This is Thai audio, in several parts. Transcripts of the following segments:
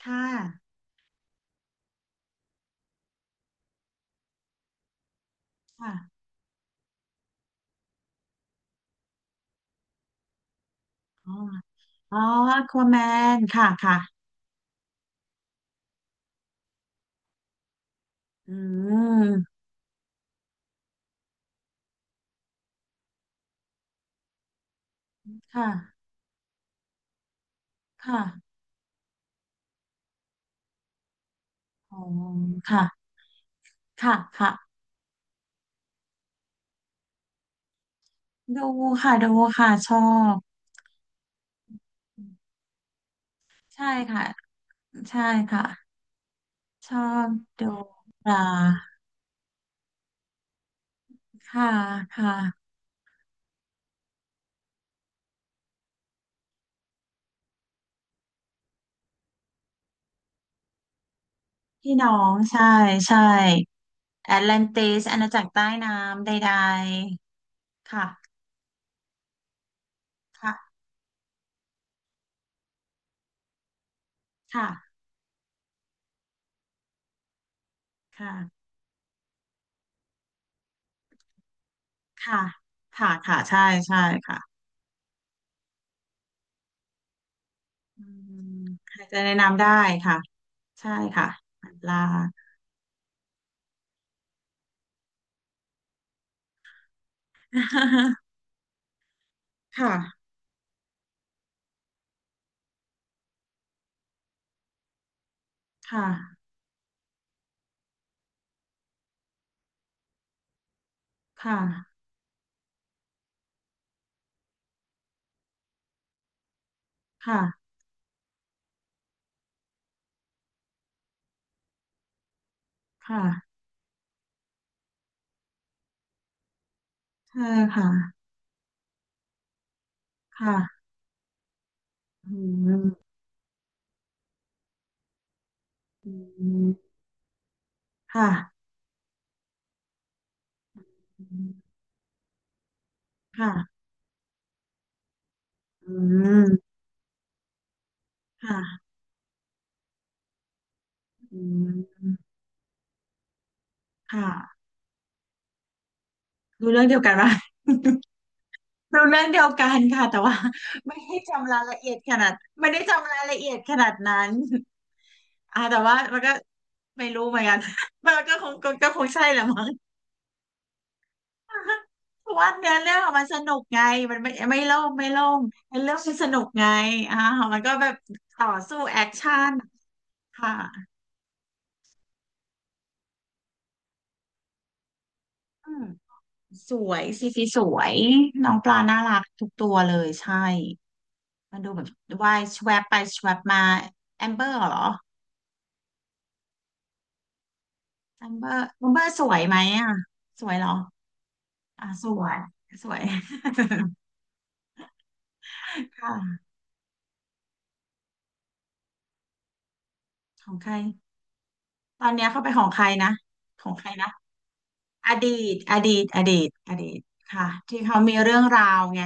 ค่ะค่ะอ๋ออ๋อควแมนค่ะค่ะอืมค่ะค่ะอ๋อค่ะค่ะ ค่ะ ดูค่ะดูค่ะ ชอบ ใช่ค่ะใช่ค่ะชอบดูปลาค่ะค่ะพี่น้อง ใช่ ใช่แอตแลนติสอาณาจักรใต้น้ำใดๆค่ะค่ะค่ะค่ะ ค่ะค่ะ ค่ะใช่ ใช่ค่ะ อืมใครจะแนะนำได้ค่ะใช่ค่ะลา ค่ะค่ะค่ะค่ะค่ะใช่ค่ะค่ะอืมอืมค่ะอืมค่ะอืมค่ะอืมค่ะดูเรื่องเดียวกันปะ ดูเรื่องเดียวกันค่ะแต่ว่าไม่ได้จำรายละเอียดขนาดไม่ได้จำรายละเอียดขนาดนั้นแต่ว่ามันก็ไม่รู้เหมือนกัน มันก็คงก็คงใช่แหละมั้ง เพราะว่าเนื้อเรื่องอะมันสนุกไงมันไม่โล่งไม่โล่งเนื้อเรื่องมันสนุกไงอ่ามันก็แบบต่อสู้แอคชั่นค่ะอืมสวยซีสวยน้องปลาน่ารักทุกตัวเลยใช่มันดูแบบว่ายแชวบไปแชวบมาแอมเบอร์เหรอ นัมเบอร์สวยไหมอ่ะสวยเหรออ่ะสวยสวย ค่ะของใครตอนเนี้ยเข้าไปของใครนะของใครนะอดีอดีตอดีตค่ะที่เขามีเรื่องราวไง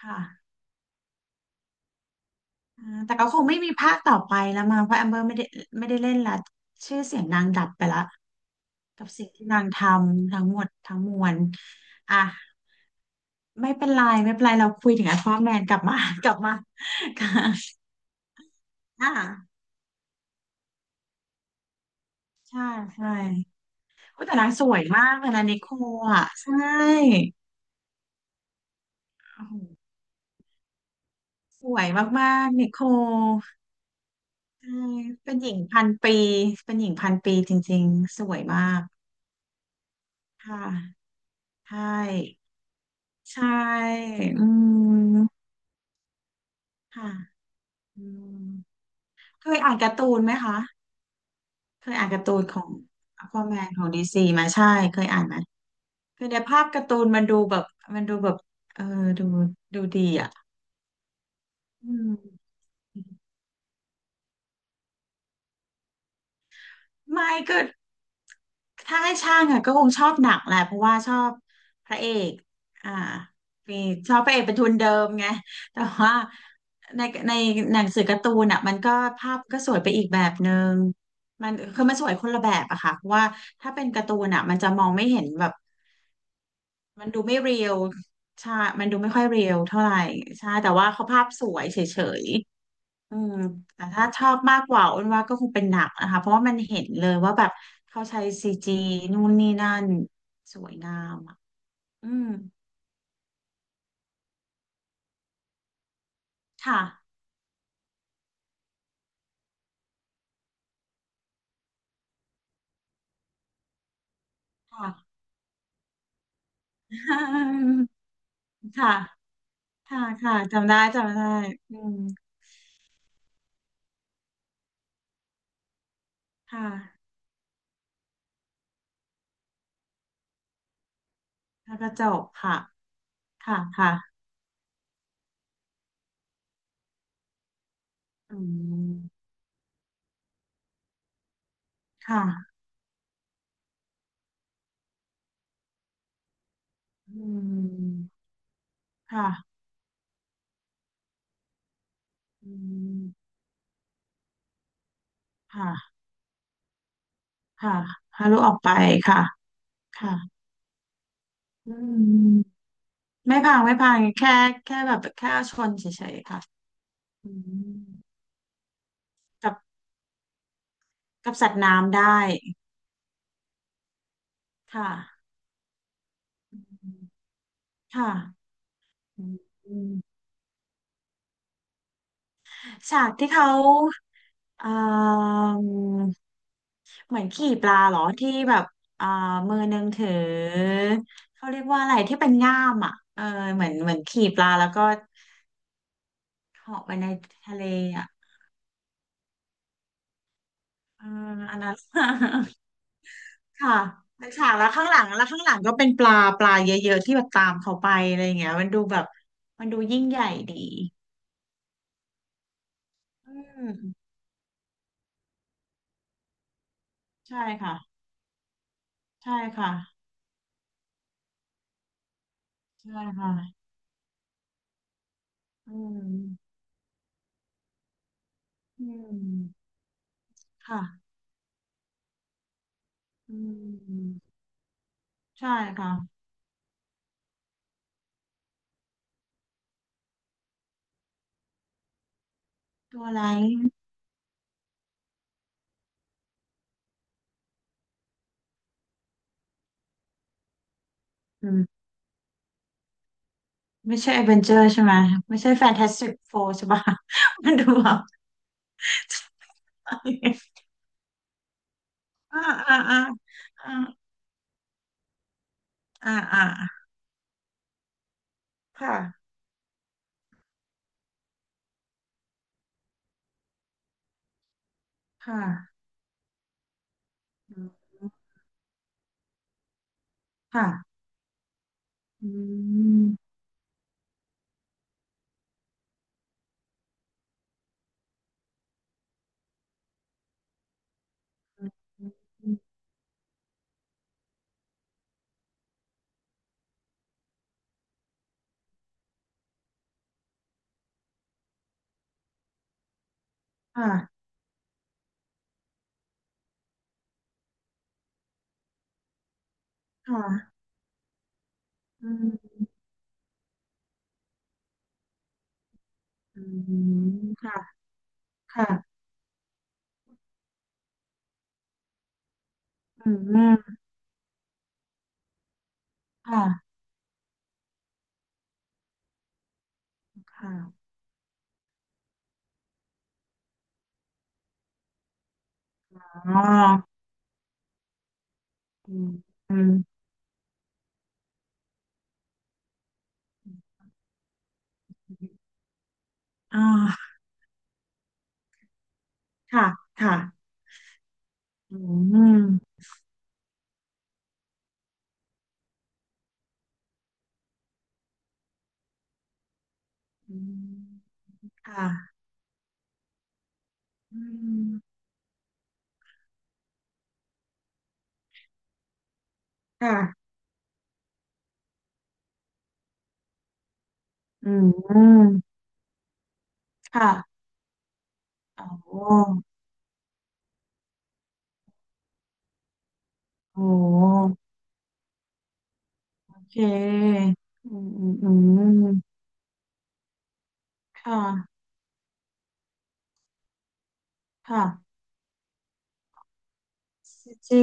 ค่ะอ่าแต่ก็คงไม่มีภาคต่อไปแล้วมั้งเพราะแอมเบอร์ไม่ได้ไม่ได้เล่นละชื่อเสียงนางดับไปละกับสิ่งที่นางทำทั้งหมดทั้งมวลอ่ะไม่เป็นไรไม่เป็นไรเราคุยถึงไอ้ฟอร์แมนกลับมา กลับมา ค่ะอ่ะ ใช่ใช่โอ้แต่นางสวยมากเลยนะนิโคลอ่ะใช่โอ้โหสวยมากๆนิโคลใช่เป็นหญิงพันปี เป็นหญิงพันปีจริงๆ สวยมากค่ะใช่ใช่อืมค่ะอืมเคยอ่านการ์ตูนไหมคะ เคยอ่านการ์ตูนของอควาแมนของดีซีไหมใช่เคยอ่านไหมคือในภาพการ์ตูนมันดูแบบมันดูแบบเออดูดูดีอ่ะอืมไม่ก็ ถ้าให้ช่างอะก็คงชอบหนังแหละเพราะว่าชอบพระเอกอ่ามีชอบพระเอกเป็นทุนเดิมไงแต่ว่าในในหนังสือการ์ตูนอะมันก็ภาพก็สวยไปอีกแบบนึงมันคือมันสวยคนละแบบอะค่ะเพราะว่าถ้าเป็นการ์ตูนอะมันจะมองไม่เห็นแบบมันดูไม่เรียลใช่มันดูไม่ค่อยเรียลเท่าไหร่ใช่แต่ว่าเขาภาพสวยเฉย อืมแต่ถ้าชอบมากกว่าอ้นว่าก็คงเป็นหนังนะคะเพราะว่ามันเห็นเลยว่าแบบเขาใช้ซีจีนู่นนี่นั่นสวยงามอ่ะอืมค่ะค่ะ ค่ะค่ะค่ะจำได้ จำได้อืมค่ะแล้วก็จบค่ะค่ะค่ะอืมค่ะอืมค่ะอืมค่ะค่ะพาลูกออกไปค่ะค่ะอืมไม่พังไม่พังแค่แค่แบบแค่ชนเฉยๆค่ะ อืมกับกับสัตว์น้ำได้ค่ะอืมค่ะอืมฉากที่เขาเอ่อเหมือนขี่ปลาเหรอที่แบบเอ่อมือหนึงถือเขาเรียกว่าอะไรที่เป็นง่ามอ่ะเออเหมือนเหมือนขี่ปลาแล้วก็เหาะไปในทะเลอ่ะเอออันนั้น ค่ะเป็นฉากแล้วข้างหลังแล้วข้างหลังก็เป็นปลาปลาเยอะๆที่แบบตามเขาไปอะไรอย่างเงี้ยมันดูแบบมันดูยิ่งใหญ่ดี อืมใช่ค่ะใช่ค่ะใช่ค่ะอืมอืมค่ะอืมใช่ค่ะตัวอะไรอืมไม่ใช่ a อเวนเจอร์ใช่ไหมไม่ใช่แฟนตาสติกโฟร์ใช่ปะ มันดูแบบ อ่าอ่าอ่าอ่าอ่าอ่าค่ะค่ะอืมค่ะอืมค่ะค่ะอืมอืมค่ะค่ะอืมค่ะค่ะอ๋อ อืมอืมอ่าค่ะค่ะอืมอืมค่ะอืมค่ะอืมค่ะโอ้โอ้โอเคอืมอืมอืมค่ะค่ะซีจี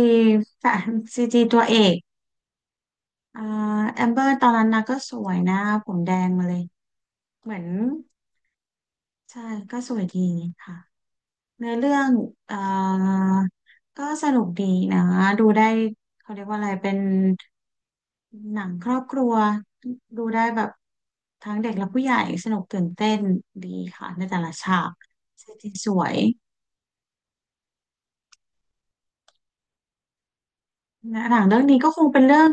แฟนซีจีตัวเอกอ่าแอมเบอร์ตอนนั้นนะก็สวยนะผมแดงมาเลยเหมือนใช่ก็สวยดีค่ะ เนื้อเรื่องเอ่อก็สนุกดีนะดูได้เขาเรียกว่าอะไรเป็นหนังครอบครัวดูได้แบบทั้งเด็กและผู้ใหญ่สนุกตื่นเต้นดีค่ะในแต่ละฉากเซตติ้งสวยนะหนังเรื่องนี้ก็คงเป็นเรื่อง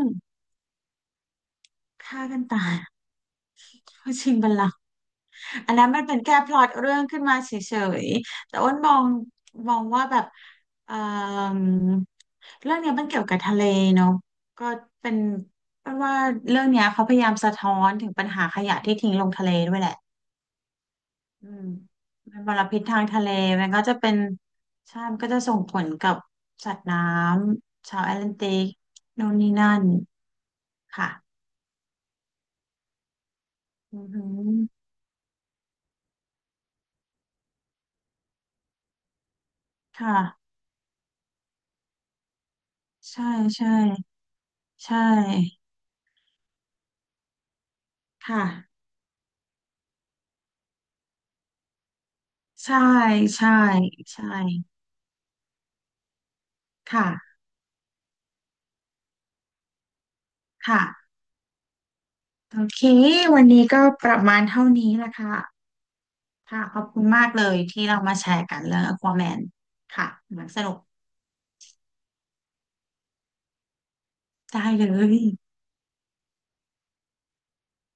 ฆ่ากันตาย เพื่อชิงบัลลังก์ อันนั้นมันเป็นแค่พล็อตเรื่องขึ้นมาเฉยๆแต่อ้นมองมองว่าแบบเอ่มเรื่องเนี้ยมันเกี่ยวกับทะเลเนาะก็เป็นเป็นว่าเรื่องเนี้ยเขาพยายามสะท้อนถึงปัญหาขยะที่ทิ้งลงทะเลด้วยแหละอืมมันมลพิษทางทะเลมันก็จะเป็นใช่มันก็จะส่งผลกับสัตว์น้ำชาวแอตแลนติกโน่นนี่นั่น ค่ะอือหือค่ะใช่ใช่ใช่ค่ะ ใช่ใช่ใช่ค่ะค่ะโอเควันนี้ก็ประมาณเท่านี้ละค่ะค่ะขอบคุณมากเลยที่เรามาแชร์กันเรื่อง Aquaman ค่ะมันสนุกได้เลย